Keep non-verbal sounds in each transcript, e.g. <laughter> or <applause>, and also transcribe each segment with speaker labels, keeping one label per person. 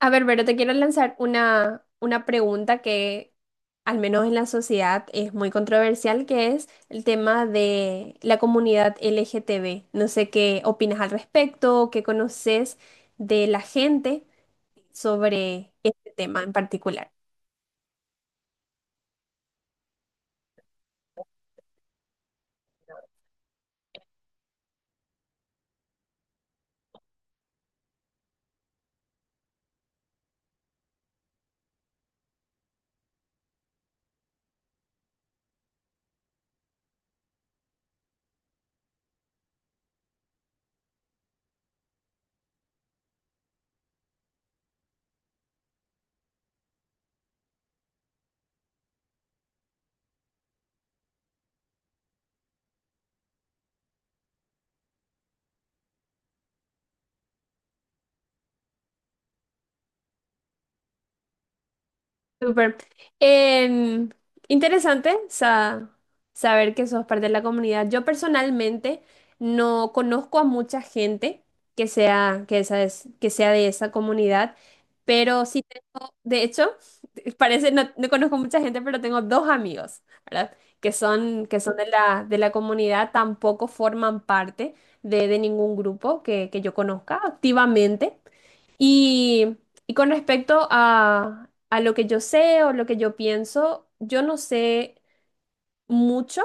Speaker 1: A ver, pero te quiero lanzar una pregunta que al menos en la sociedad es muy controversial, que es el tema de la comunidad LGTB. No sé qué opinas al respecto, qué conoces de la gente sobre este tema en particular. Súper. Em, Interesante saber que sos parte de la comunidad. Yo personalmente no conozco a mucha gente que sea, que esa es, que sea de esa comunidad, pero sí, de hecho, <laughs> parece, no, no conozco mucha gente, pero tengo dos amigos, ¿verdad? Que son de la comunidad, tampoco forman parte de ningún grupo que yo conozca activamente. Y, y con respecto a lo que yo sé o lo que yo pienso, yo no sé mucho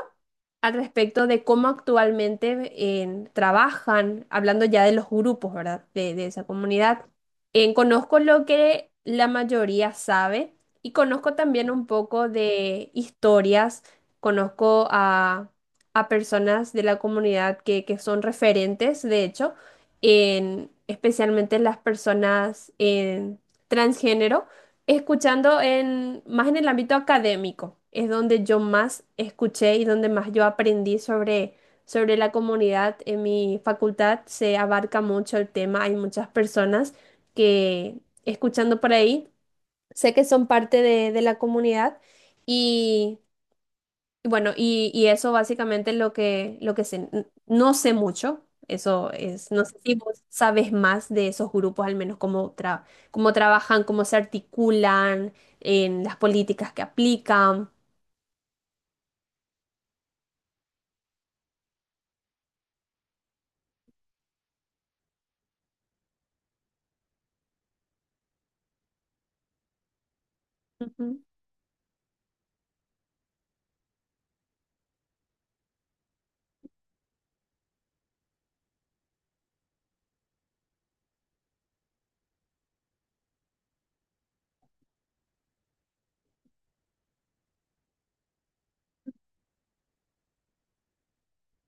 Speaker 1: al respecto de cómo actualmente trabajan, hablando ya de los grupos, ¿verdad? De esa comunidad. En, conozco lo que la mayoría sabe y conozco también un poco de historias, conozco a personas de la comunidad que son referentes, de hecho, en, especialmente las personas en transgénero. Escuchando en, más en el ámbito académico, es donde yo más escuché y donde más yo aprendí sobre, sobre la comunidad. En mi facultad se abarca mucho el tema, hay muchas personas que escuchando por ahí, sé que son parte de la comunidad y bueno, y eso básicamente es lo que sé. No sé mucho, eso es, no sé si vos sabes más de esos grupos, al menos cómo, cómo trabajan, cómo se articulan, en las políticas que aplican. Ujú,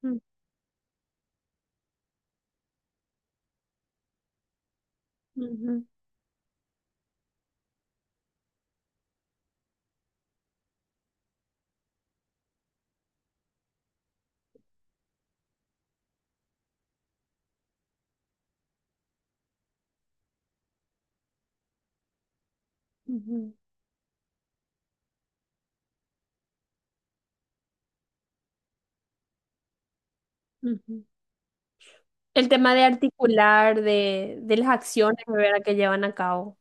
Speaker 1: ujú, ujú, ujú, ujú. El tema de articular, de las acciones, ¿verdad? Que llevan a cabo.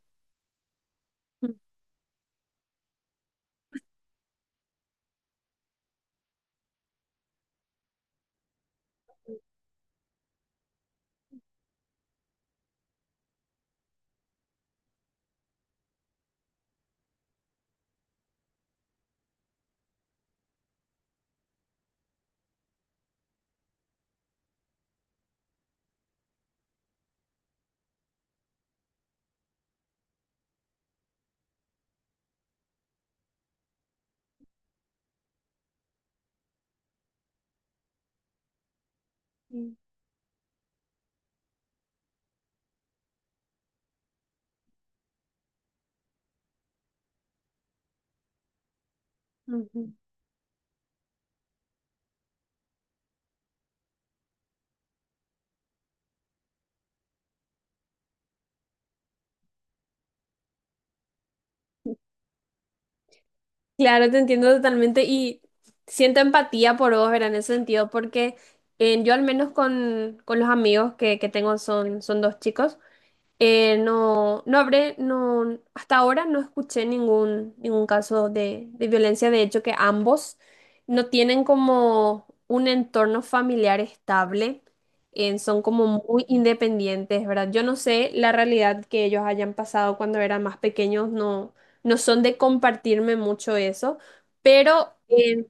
Speaker 1: Ujú, ujú. Claro, te entiendo totalmente y siento empatía por vos, ¿verdad? En ese sentido, porque yo al menos con los amigos que tengo son, son dos chicos. No, no, hasta ahora no escuché ningún, ningún caso de violencia. De hecho, que ambos no tienen como un entorno familiar estable, son como muy independientes, ¿verdad? Yo no sé la realidad que ellos hayan pasado cuando eran más pequeños, no, no son de compartirme mucho eso, pero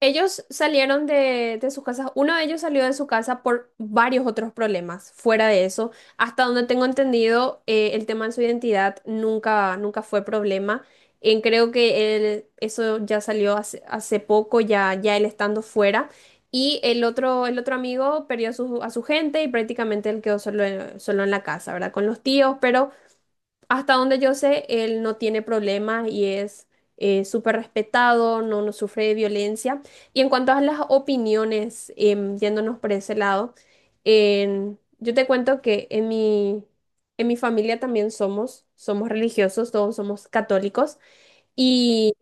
Speaker 1: ellos salieron de sus casas, uno de ellos salió de su casa por varios otros problemas, fuera de eso, hasta donde tengo entendido, el tema de su identidad nunca, nunca fue problema. Creo que eso ya salió hace, hace poco, ya, ya él estando fuera. Y el otro amigo perdió a su gente y prácticamente él quedó solo en, solo en la casa, ¿verdad? Con los tíos, pero... Hasta donde yo sé, él no tiene problemas y es súper respetado, no, no sufre de violencia. Y en cuanto a las opiniones, yéndonos por ese lado, yo te cuento que en mi familia también somos, somos religiosos, todos somos católicos. Y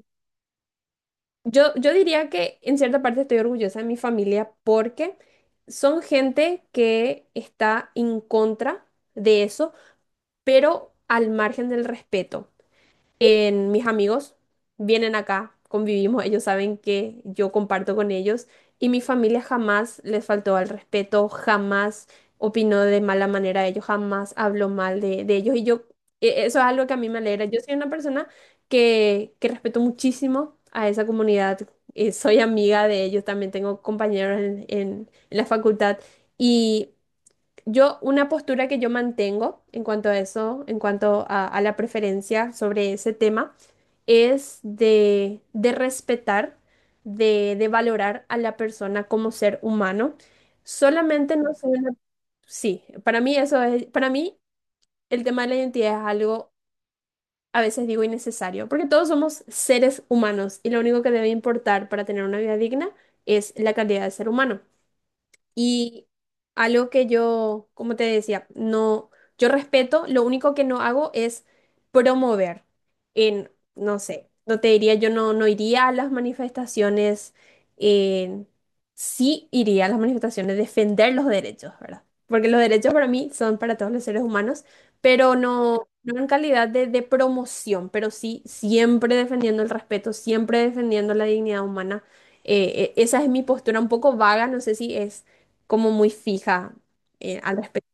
Speaker 1: yo diría que en cierta parte estoy orgullosa de mi familia porque son gente que está en contra de eso, pero al margen del respeto en mis amigos vienen acá, convivimos, ellos saben que yo comparto con ellos y mi familia jamás les faltó al respeto, jamás opinó de mala manera de ellos, jamás habló mal de ellos y yo, eso es algo que a mí me alegra. Yo soy una persona que respeto muchísimo a esa comunidad, soy amiga de ellos, también tengo compañeros en, en la facultad. Y yo, una postura que yo mantengo en cuanto a eso, en cuanto a la preferencia sobre ese tema, es de respetar, de valorar a la persona como ser humano. Solamente no soy una... Sí, para mí eso es, para mí el tema de la identidad es algo, a veces digo, innecesario, porque todos somos seres humanos y lo único que debe importar para tener una vida digna es la calidad de ser humano. Y algo que yo, como te decía, no, yo respeto, lo único que no hago es promover. En, no sé, no te diría, yo no, no iría a las manifestaciones, en- sí iría a las manifestaciones, defender los derechos, ¿verdad? Porque los derechos para mí son para todos los seres humanos, pero no, no en calidad de promoción, pero sí siempre defendiendo el respeto, siempre defendiendo la dignidad humana. Esa es mi postura un poco vaga, no sé si es como muy fija al respecto.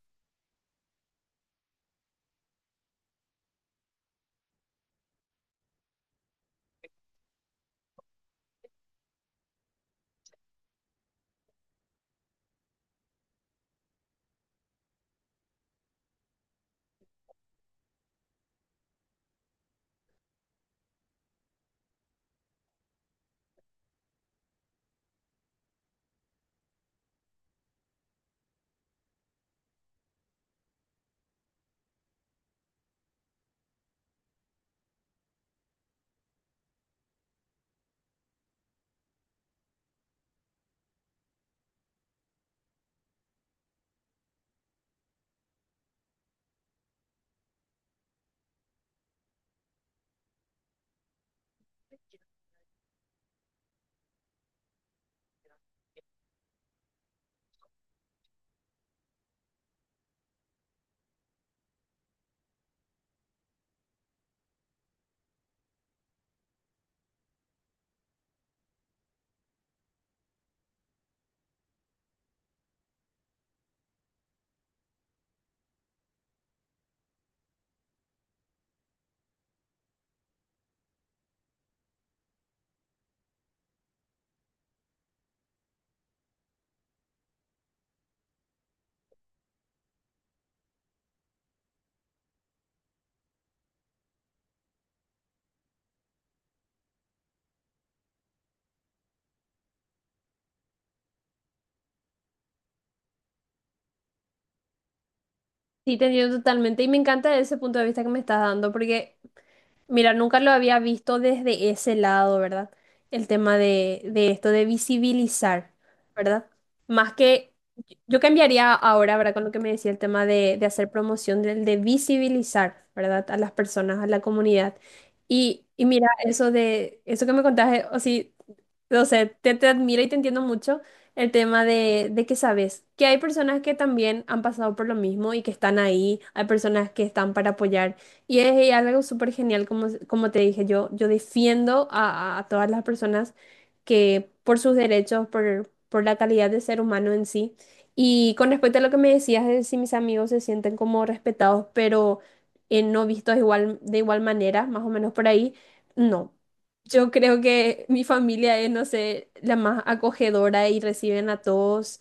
Speaker 1: Sí, te entiendo totalmente y me encanta ese punto de vista que me estás dando porque mira, nunca lo había visto desde ese lado, ¿verdad? El tema de esto de visibilizar, ¿verdad? Más que yo cambiaría ahora, ¿verdad? Con lo que me decía el tema de hacer promoción, del de visibilizar, ¿verdad? A las personas, a la comunidad. Y mira, eso de, eso que me contaste, o sí, o sea, te admiro y te entiendo mucho el tema de que sabes que hay personas que también han pasado por lo mismo y que están ahí, hay personas que están para apoyar. Y es y algo súper genial, como, como te dije, yo defiendo a, a todas las personas que por sus derechos, por la calidad de ser humano en sí. Y con respecto a lo que me decías de si mis amigos se sienten como respetados, pero no vistos igual, de igual manera, más o menos por ahí, no. Yo creo que mi familia es, no sé, la más acogedora y reciben a todos.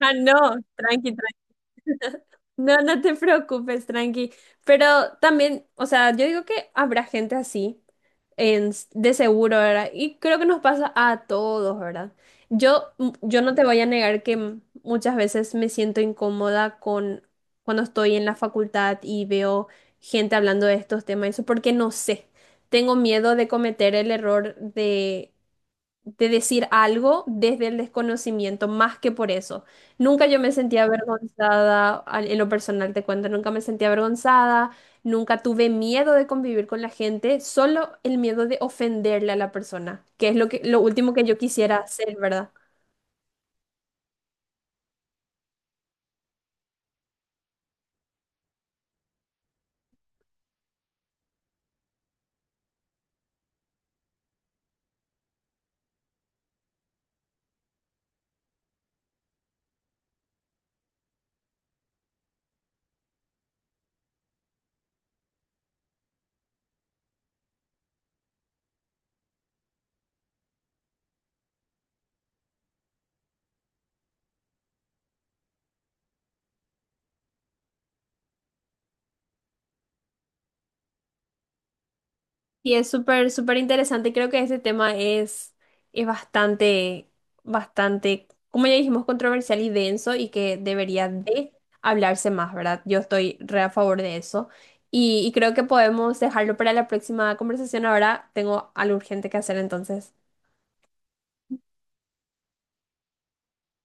Speaker 1: Ah, no, tranqui. <laughs> No, no te preocupes, tranqui. Pero también, o sea, yo digo que habrá gente así, en, de seguro, ¿verdad? Y creo que nos pasa a todos, ¿verdad? Yo, yo no te voy a negar que muchas veces me siento incómoda con cuando estoy en la facultad y veo gente hablando de estos temas, eso porque no sé. Tengo miedo de cometer el error de decir algo desde el desconocimiento, más que por eso. Nunca yo me sentía avergonzada, en lo personal te cuento, nunca me sentía avergonzada, nunca tuve miedo de convivir con la gente, solo el miedo de ofenderle a la persona, que es lo que, lo último que yo quisiera hacer, ¿verdad? Y es súper, súper interesante. Creo que ese tema es bastante, bastante, como ya dijimos, controversial y denso y que debería de hablarse más, ¿verdad? Yo estoy re a favor de eso. Y creo que podemos dejarlo para la próxima conversación. Ahora tengo algo urgente que hacer entonces.